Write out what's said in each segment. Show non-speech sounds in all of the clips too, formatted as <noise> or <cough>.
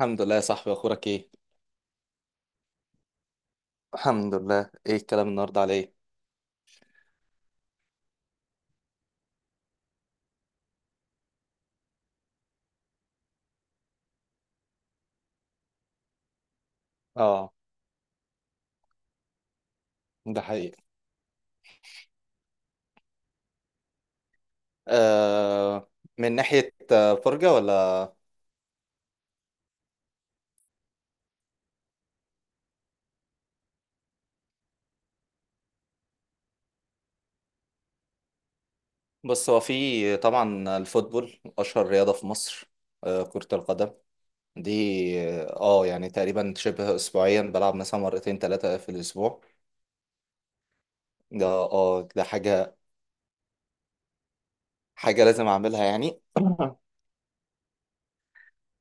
الحمد لله يا صاحبي، اخبارك ايه؟ الحمد لله. ايه الكلام النهارده؟ على ايه؟ اه، ده حقيقي. آه. من ناحية فرجة ولا؟ بص، هو في طبعا الفوتبول اشهر رياضة في مصر. كرة القدم. دي. يعني تقريبا شبه اسبوعيا بلعب مثلا مرتين ثلاثة في الاسبوع. ده حاجة لازم اعملها يعني. <coughs> <laughs>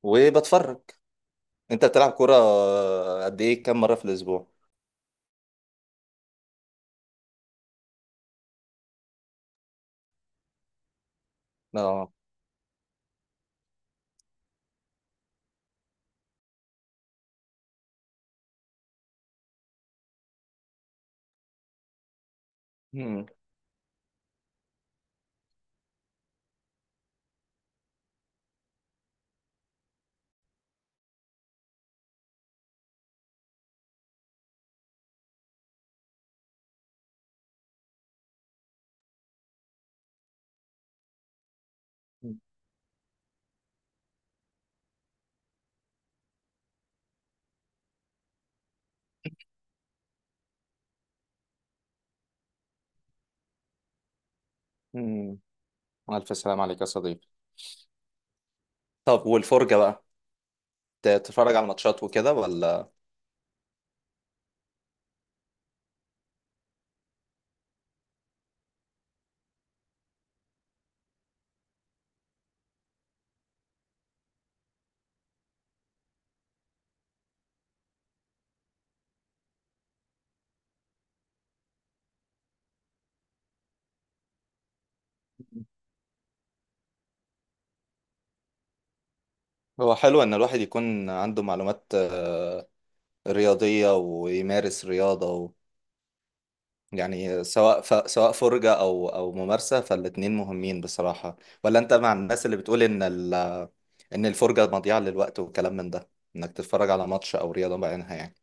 وبتفرج. انت بتلعب كورة قد ايه كم مرة في الاسبوع؟ اه. مم. مم. الف سلام عليك يا صديقي. طب والفرجة بقى؟ تتفرج على الماتشات وكده ولا؟ هو حلو ان الواحد يكون عنده معلومات رياضية ويمارس رياضة يعني سواء فرجة او ممارسة، فالاتنين مهمين بصراحة. ولا انت مع الناس اللي بتقول ان الفرجة مضيعة للوقت وكلام من ده، انك تتفرج على ماتش او رياضة بعينها يعني؟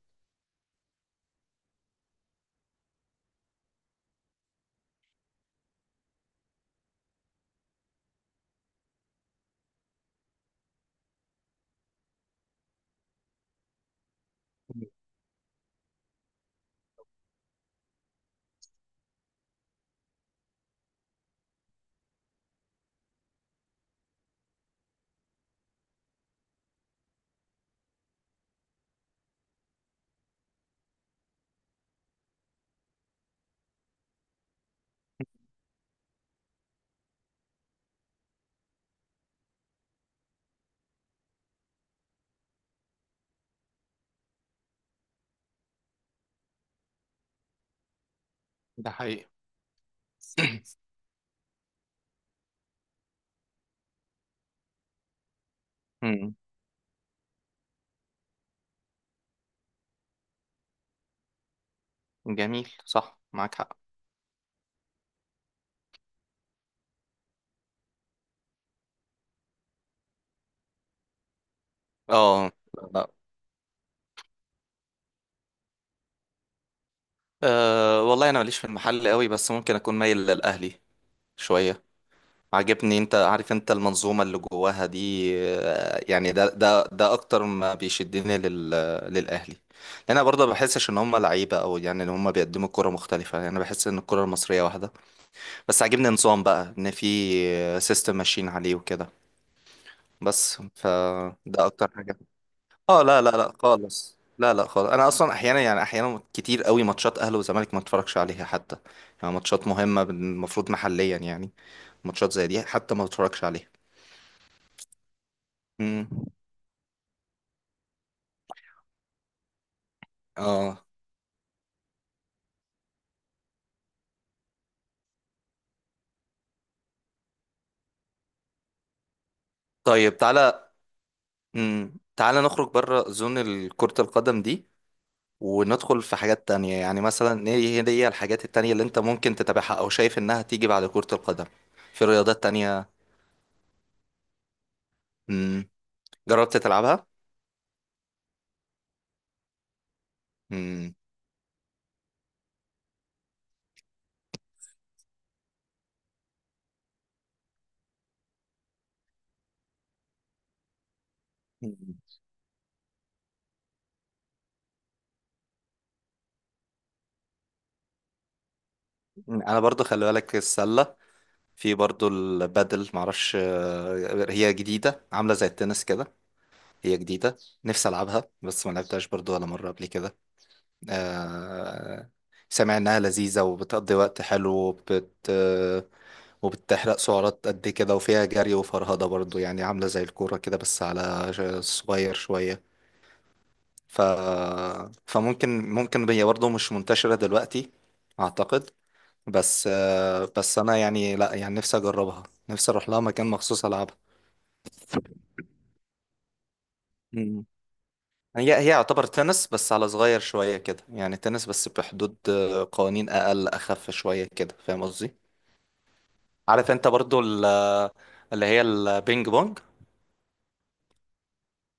ده حقيقي. امم. جميل، صح، معاك حق. اه، لا. والله انا ماليش في المحل قوي، بس ممكن اكون مايل للاهلي شوية. عاجبني، انت عارف المنظومة اللي جواها دي. يعني ده اكتر ما بيشدني للاهلي. لان انا برضه ما بحسش ان هم لعيبة، او يعني ان هم بيقدموا كرة مختلفة، يعني انا بحس ان الكرة المصرية واحدة. بس عاجبني نظام بقى، ان في سيستم ماشيين عليه وكده. بس فده اكتر حاجة. اه، لا لا لا خالص، لا لا خالص، انا اصلا احيانا، يعني احيانا كتير قوي ماتشات اهلي وزمالك ما اتفرجش عليها حتى. يعني ماتشات مهمة المفروض محليا، يعني ماتشات زي دي حتى ما اتفرجش عليها. امم. اه. طيب، تعالى. تعالى نخرج بره زون كرة القدم دي، وندخل في حاجات تانية، يعني مثلا ايه؟ هي الحاجات التانية اللي انت ممكن تتابعها او شايف انها تيجي بعد كرة القدم، في رياضات تانية؟ امم. جربت تلعبها؟ امم. أمم. انا برضو خلي بالك السلة. في برضو البادل، معرفش هي جديدة، عاملة زي التنس كده. هي جديدة. نفسي العبها بس ما لعبتهاش برضو ولا مرة قبل كده. آه، سامع انها لذيذة، وبتقضي وقت حلو، وبتحرق سعرات قد كده، وفيها جري وفرهدة برضو، يعني عاملة زي الكورة كده بس على صغير شوية. ف... فممكن هي برضو مش منتشرة دلوقتي، أعتقد. بس بس أنا يعني لا، يعني نفسي أجربها. نفسي أروح لها مكان مخصوص ألعبها. مم. هي يعتبر تنس بس على صغير شوية كده، يعني تنس بس بحدود قوانين أقل أخف شوية كده، فاهم قصدي؟ عارف انت برضو اللي هي البينج بونج؟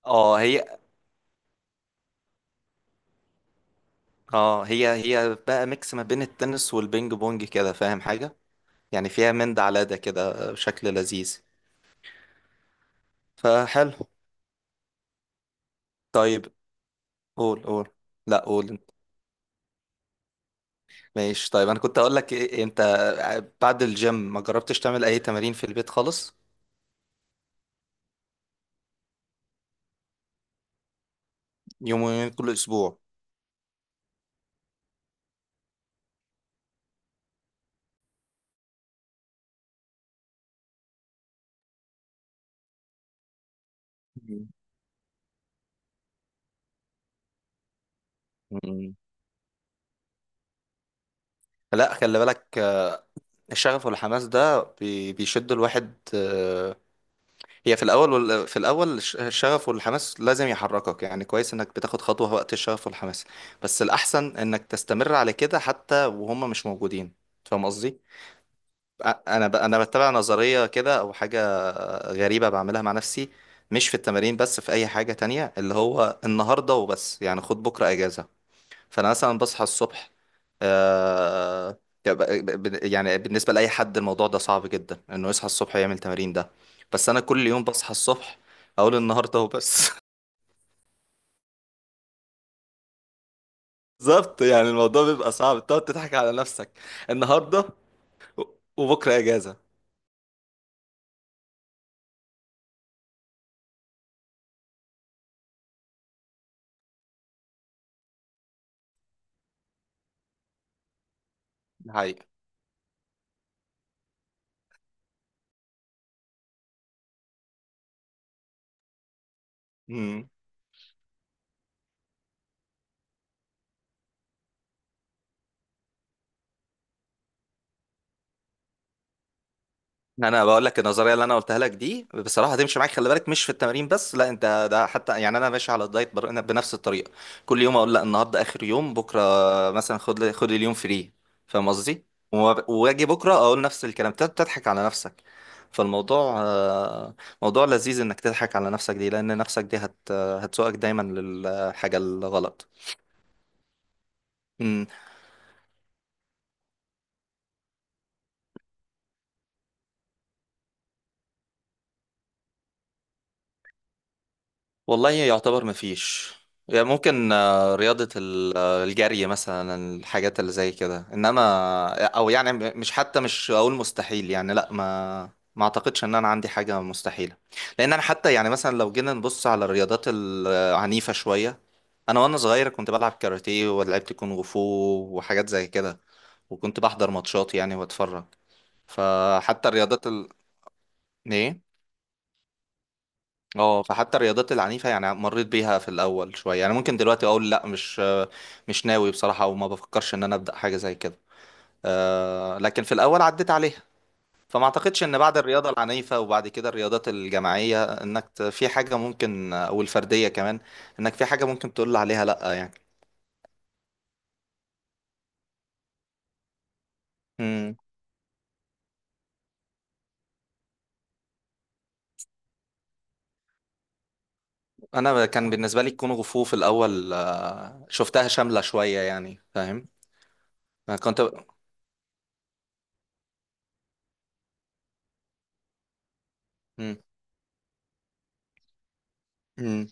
اه هي اه هي هي بقى ميكس ما بين التنس والبينج بونج كده، فاهم حاجة؟ يعني فيها من ده على ده كده بشكل لذيذ. فحلو. طيب. قول، قول. لا، قول انت. ماشي، طيب انا كنت اقول لك إيه إيه، انت بعد الجيم ما جربتش تعمل اي تمارين في البيت خالص؟ يومين كل اسبوع؟ مم. مم. لا، خلي بالك، الشغف والحماس ده بيشد الواحد هي في الاول في الاول الشغف والحماس لازم يحركك، يعني كويس انك بتاخد خطوة وقت الشغف والحماس. بس الاحسن انك تستمر على كده حتى وهم مش موجودين. فاهم قصدي؟ انا بتبع نظرية كده او حاجة غريبة بعملها مع نفسي. مش في التمارين بس، في اي حاجة تانية، اللي هو النهاردة وبس، يعني خد بكرة اجازة. فانا مثلا بصحى الصبح، آه، يعني بالنسبه لاي حد الموضوع ده صعب جدا انه يصحى الصبح يعمل تمارين ده. بس انا كل يوم بصحى الصبح اقول النهارده وبس. <laughs> بالظبط، يعني الموضوع بيبقى صعب تقعد تضحك على نفسك. النهارده و- وبكره اجازه. ده حقيقي. مم. انا بقول لك النظريه اللي انا قلتها لك دي بصراحه هتمشي معاك، خلي بالك مش في التمارين بس، لا انت ده حتى، يعني انا ماشي على الدايت بنفس الطريقه. كل يوم اقول لا، النهارده اخر يوم، بكره مثلا خد اليوم فري. فاهم قصدي؟ واجي بكره اقول نفس الكلام، تضحك على نفسك. فالموضوع موضوع لذيذ انك تضحك على نفسك دي، لان نفسك دي هتسوقك دايما للحاجه الغلط. والله يعتبر مفيش. يعني ممكن رياضة الجري مثلا، الحاجات اللي زي كده، انما او يعني مش، حتى مش اقول مستحيل، يعني لا، ما اعتقدش ان انا عندي حاجة مستحيلة. لان انا حتى، يعني مثلا لو جينا نبص على الرياضات العنيفة شوية، انا وانا صغير كنت بلعب كاراتيه ولعبت كونغ فو وحاجات زي كده، وكنت بحضر ماتشات يعني واتفرج. فحتى الرياضات ال... ايه. اه فحتى الرياضات العنيفة، يعني مريت بيها في الأول شوية، يعني ممكن دلوقتي أقول لأ، مش ناوي بصراحة، وما بفكرش إن أنا أبدأ حاجة زي كده. لكن في الأول عديت عليها. فما أعتقدش إن بعد الرياضة العنيفة وبعد كده الرياضات الجماعية في حاجة ممكن أو الفردية كمان، إنك في حاجة ممكن تقول عليها لأ يعني. مم. أنا كان بالنسبة لي الكونغ فو في الأول شفتها شاملة شوية يعني، فاهم. أنا كنت. مم. مم.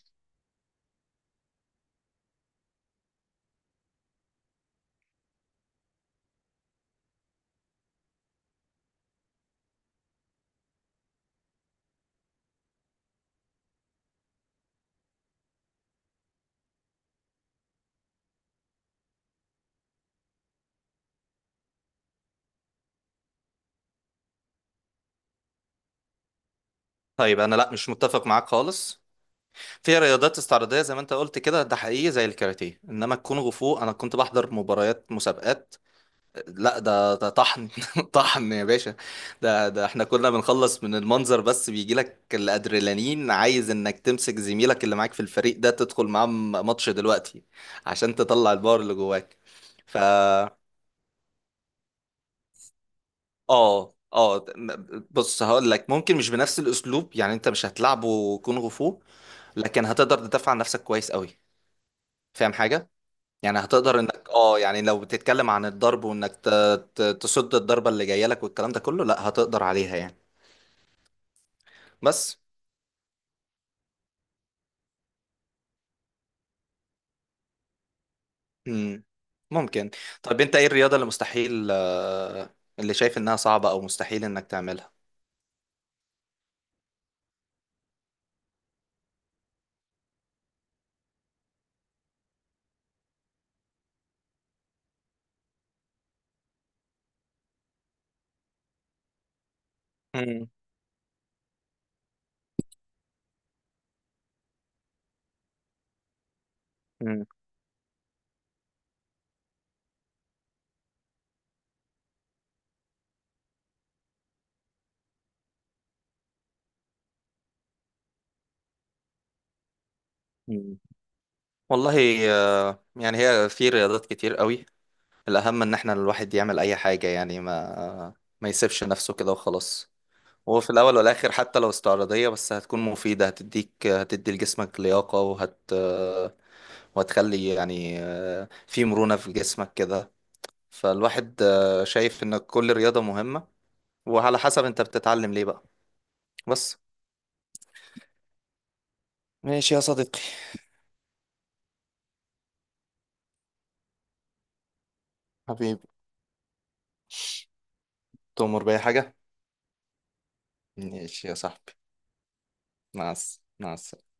طيب أنا لأ، مش متفق معاك خالص. في رياضات استعراضية زي ما انت قلت كده، ده حقيقي، زي الكاراتيه، انما الكونغ فو انا كنت بحضر مباريات مسابقات. لا، ده طحن <laughs> طحن يا باشا. ده احنا كنا بنخلص من المنظر بس بيجي لك الادرينالين، عايز انك تمسك زميلك اللي معاك في الفريق ده تدخل معاه ماتش دلوقتي، عشان تطلع الباور اللي جواك. ف اه، اه، بص هقول لك ممكن مش بنفس الاسلوب، يعني انت مش هتلعبه كونغ فو، لكن هتقدر تدافع عن نفسك كويس قوي، فاهم حاجة؟ يعني هتقدر انك يعني لو بتتكلم عن الضرب وانك تصد الضربة اللي جاية لك والكلام ده كله، لا هتقدر عليها يعني. بس. مم. ممكن. طب انت ايه الرياضة اللي مستحيل اللي شايف انها صعبة او مستحيل انك تعملها؟ مم. مم. مم. والله يعني هي في رياضات كتير قوي. الأهم إن احنا الواحد يعمل أي حاجة، يعني ما يسيبش نفسه كده وخلاص. وفي الأول والآخر حتى لو استعراضية، بس هتكون مفيدة، هتدي لجسمك لياقة وتخلي يعني في مرونة في جسمك كده. فالواحد شايف ان كل رياضة مهمة، وعلى حسب انت بتتعلم ليه بقى. بس. ماشي يا صديقي. حبيبي. تؤمر بأي حاجة. ماشي يا صاحبي. مع السلامة.